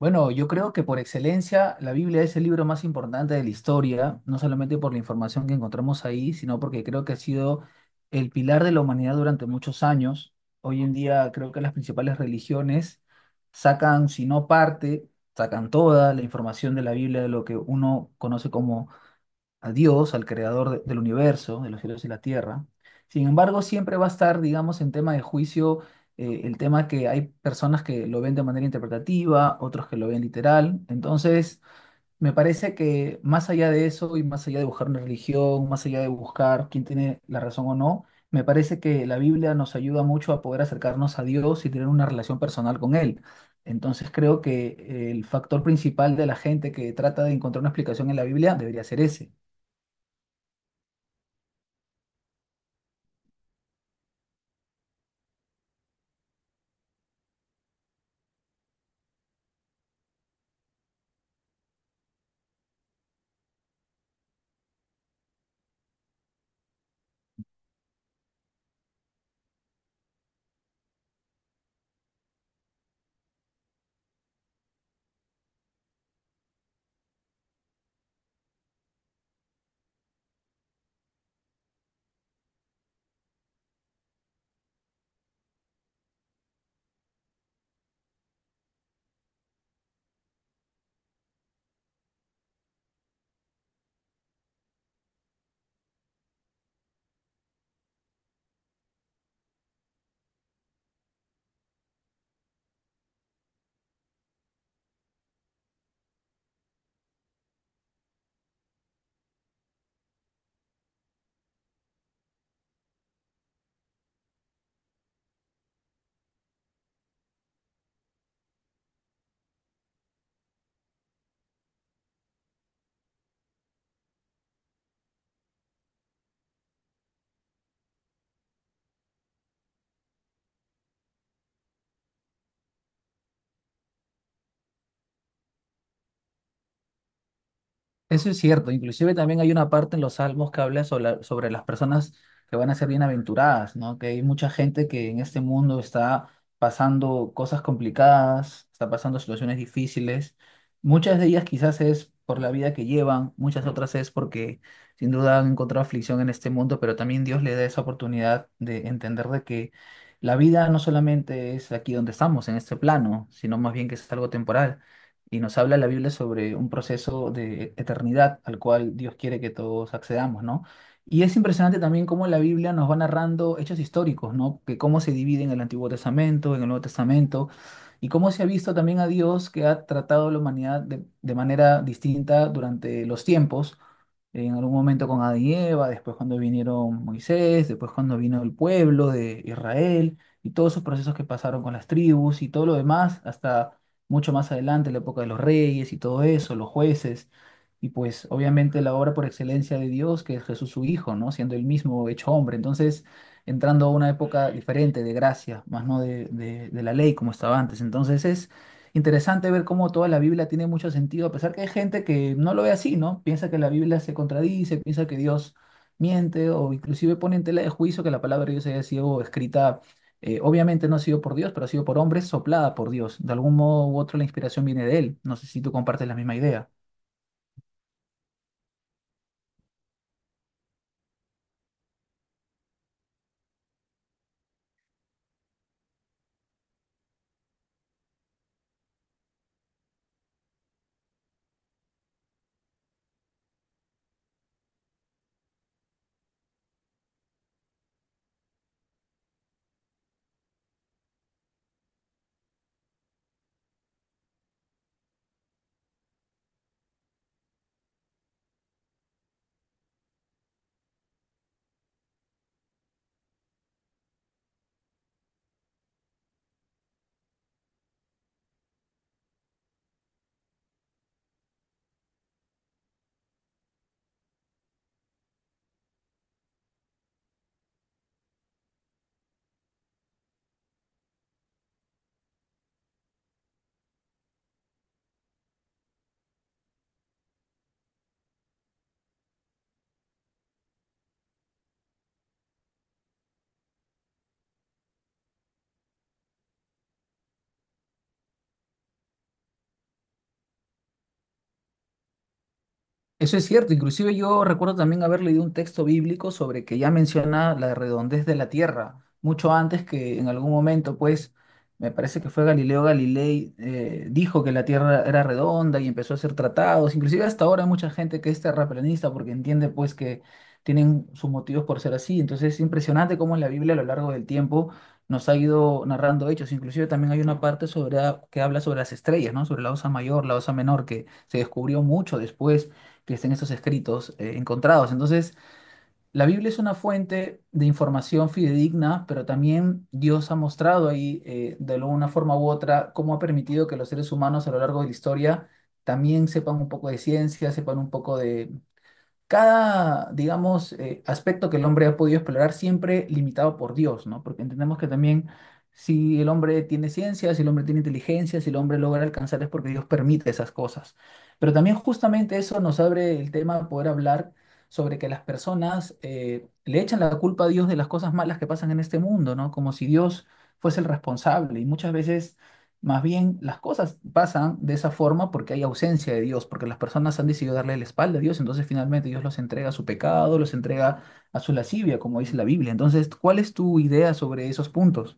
Bueno, yo creo que por excelencia la Biblia es el libro más importante de la historia, no solamente por la información que encontramos ahí, sino porque creo que ha sido el pilar de la humanidad durante muchos años. Hoy en día creo que las principales religiones sacan, si no parte, sacan toda la información de la Biblia, de lo que uno conoce como a Dios, al creador del universo, de los cielos y la tierra. Sin embargo, siempre va a estar, digamos, en tema de juicio, el tema que hay personas que lo ven de manera interpretativa, otros que lo ven literal. Entonces, me parece que más allá de eso y más allá de buscar una religión, más allá de buscar quién tiene la razón o no, me parece que la Biblia nos ayuda mucho a poder acercarnos a Dios y tener una relación personal con Él. Entonces creo que el factor principal de la gente que trata de encontrar una explicación en la Biblia debería ser ese. Eso es cierto, inclusive también hay una parte en los Salmos que habla sobre, sobre las personas que van a ser bienaventuradas, ¿no? Que hay mucha gente que en este mundo está pasando cosas complicadas, está pasando situaciones difíciles. Muchas de ellas quizás es por la vida que llevan, muchas otras es porque sin duda han encontrado aflicción en este mundo, pero también Dios le da esa oportunidad de entender de que la vida no solamente es aquí donde estamos, en este plano, sino más bien que es algo temporal y nos habla la Biblia sobre un proceso de eternidad al cual Dios quiere que todos accedamos, ¿no? Y es impresionante también cómo la Biblia nos va narrando hechos históricos, ¿no? Que cómo se divide en el Antiguo Testamento, en el Nuevo Testamento, y cómo se ha visto también a Dios que ha tratado a la humanidad de manera distinta durante los tiempos en algún momento con Adán y Eva, después cuando vinieron Moisés, después cuando vino el pueblo de Israel, y todos esos procesos que pasaron con las tribus y todo lo demás, hasta mucho más adelante, la época de los reyes y todo eso, los jueces, y pues obviamente la obra por excelencia de Dios, que es Jesús su Hijo, ¿no? Siendo el mismo hecho hombre, entonces entrando a una época diferente de gracia, más no de la ley como estaba antes, entonces es interesante ver cómo toda la Biblia tiene mucho sentido, a pesar que hay gente que no lo ve así, ¿no? Piensa que la Biblia se contradice, piensa que Dios miente o inclusive pone en tela de juicio que la palabra de Dios haya sido escrita, obviamente no ha sido por Dios, pero ha sido por hombres, soplada por Dios. De algún modo u otro la inspiración viene de él. No sé si tú compartes la misma idea. Eso es cierto, inclusive yo recuerdo también haber leído un texto bíblico sobre que ya menciona la redondez de la tierra, mucho antes que en algún momento, pues, me parece que fue Galileo Galilei, dijo que la tierra era redonda y empezó a hacer tratados, inclusive hasta ahora hay mucha gente que es terraplanista porque entiende pues que tienen sus motivos por ser así, entonces es impresionante cómo la Biblia a lo largo del tiempo nos ha ido narrando hechos, inclusive también hay una parte sobre, que habla sobre las estrellas, ¿no? Sobre la Osa Mayor, la Osa Menor, que se descubrió mucho después que estén estos escritos encontrados. Entonces, la Biblia es una fuente de información fidedigna, pero también Dios ha mostrado ahí, de alguna forma u otra, cómo ha permitido que los seres humanos a lo largo de la historia también sepan un poco de ciencia, sepan un poco de, cada, digamos, aspecto que el hombre ha podido explorar siempre limitado por Dios, ¿no? Porque entendemos que también si el hombre tiene ciencia, si el hombre tiene inteligencia, si el hombre logra alcanzar es porque Dios permite esas cosas. Pero también justamente eso nos abre el tema de poder hablar sobre que las personas le echan la culpa a Dios de las cosas malas que pasan en este mundo, ¿no? Como si Dios fuese el responsable. Y muchas veces más bien, las cosas pasan de esa forma porque hay ausencia de Dios, porque las personas han decidido darle la espalda a Dios, entonces finalmente Dios los entrega a su pecado, los entrega a su lascivia, como dice la Biblia. Entonces, ¿cuál es tu idea sobre esos puntos?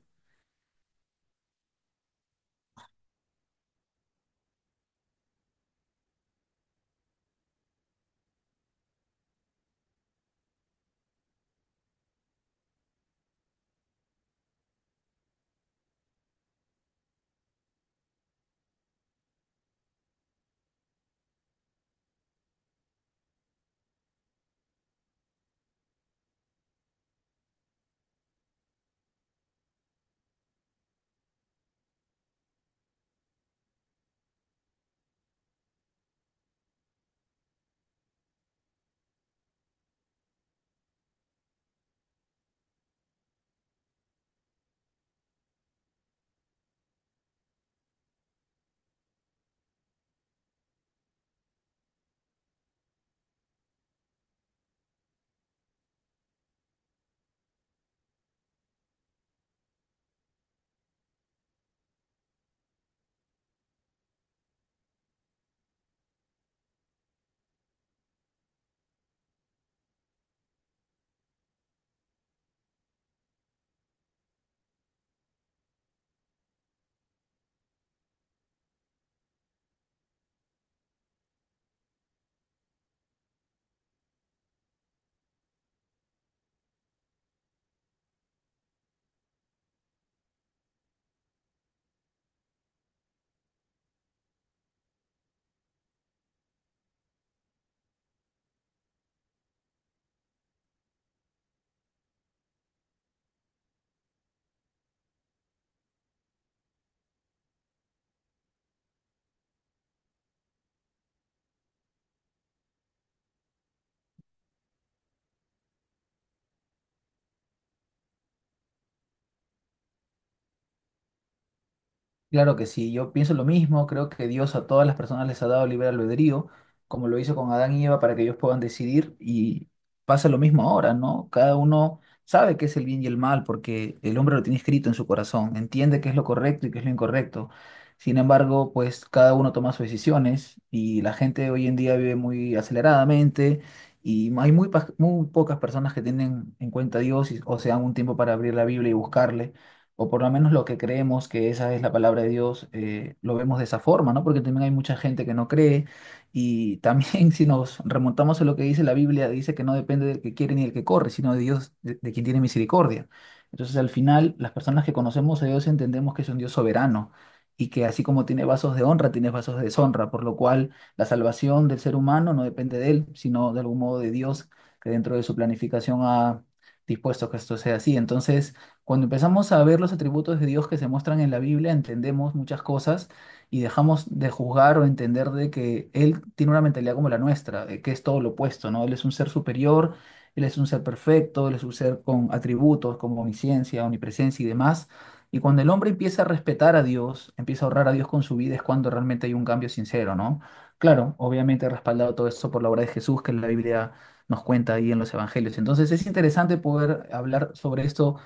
Claro que sí, yo pienso lo mismo, creo que Dios a todas las personas les ha dado libre albedrío, como lo hizo con Adán y Eva para que ellos puedan decidir y pasa lo mismo ahora, ¿no? Cada uno sabe qué es el bien y el mal porque el hombre lo tiene escrito en su corazón, entiende qué es lo correcto y qué es lo incorrecto. Sin embargo, pues cada uno toma sus decisiones y la gente hoy en día vive muy aceleradamente y hay muy, muy pocas personas que tienen en cuenta a Dios o se dan un tiempo para abrir la Biblia y buscarle o por lo menos lo que creemos que esa es la palabra de Dios, lo vemos de esa forma, ¿no? Porque también hay mucha gente que no cree y también si nos remontamos a lo que dice la Biblia, dice que no depende del que quiere ni del que corre, sino de Dios, de quien tiene misericordia. Entonces al final las personas que conocemos a Dios entendemos que es un Dios soberano. Y que así como tiene vasos de honra, tiene vasos de deshonra, por lo cual la salvación del ser humano no depende de él, sino de algún modo de Dios, que dentro de su planificación ha dispuesto que esto sea así. Entonces, cuando empezamos a ver los atributos de Dios que se muestran en la Biblia, entendemos muchas cosas y dejamos de juzgar o entender de que Él tiene una mentalidad como la nuestra, de que es todo lo opuesto, ¿no? Él es un ser superior, Él es un ser perfecto, Él es un ser con atributos como omnisciencia, omnipresencia y demás. Y cuando el hombre empieza a respetar a Dios, empieza a honrar a Dios con su vida, es cuando realmente hay un cambio sincero, ¿no? Claro, obviamente respaldado todo esto por la obra de Jesús que la Biblia nos cuenta ahí en los evangelios. Entonces es interesante poder hablar sobre esto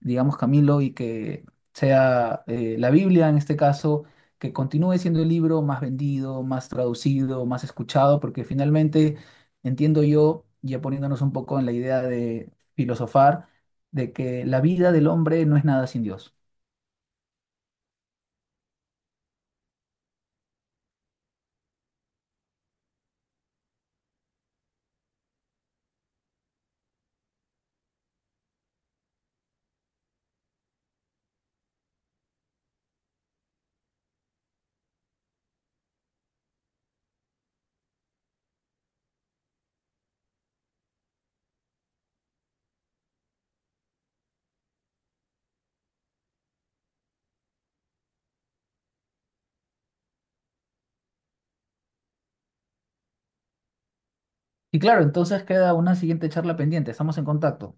digamos, Camilo, y que sea la Biblia en este caso, que continúe siendo el libro más vendido, más traducido, más escuchado, porque finalmente entiendo yo, ya poniéndonos un poco en la idea de filosofar, de que la vida del hombre no es nada sin Dios. Y claro, entonces queda una siguiente charla pendiente, estamos en contacto.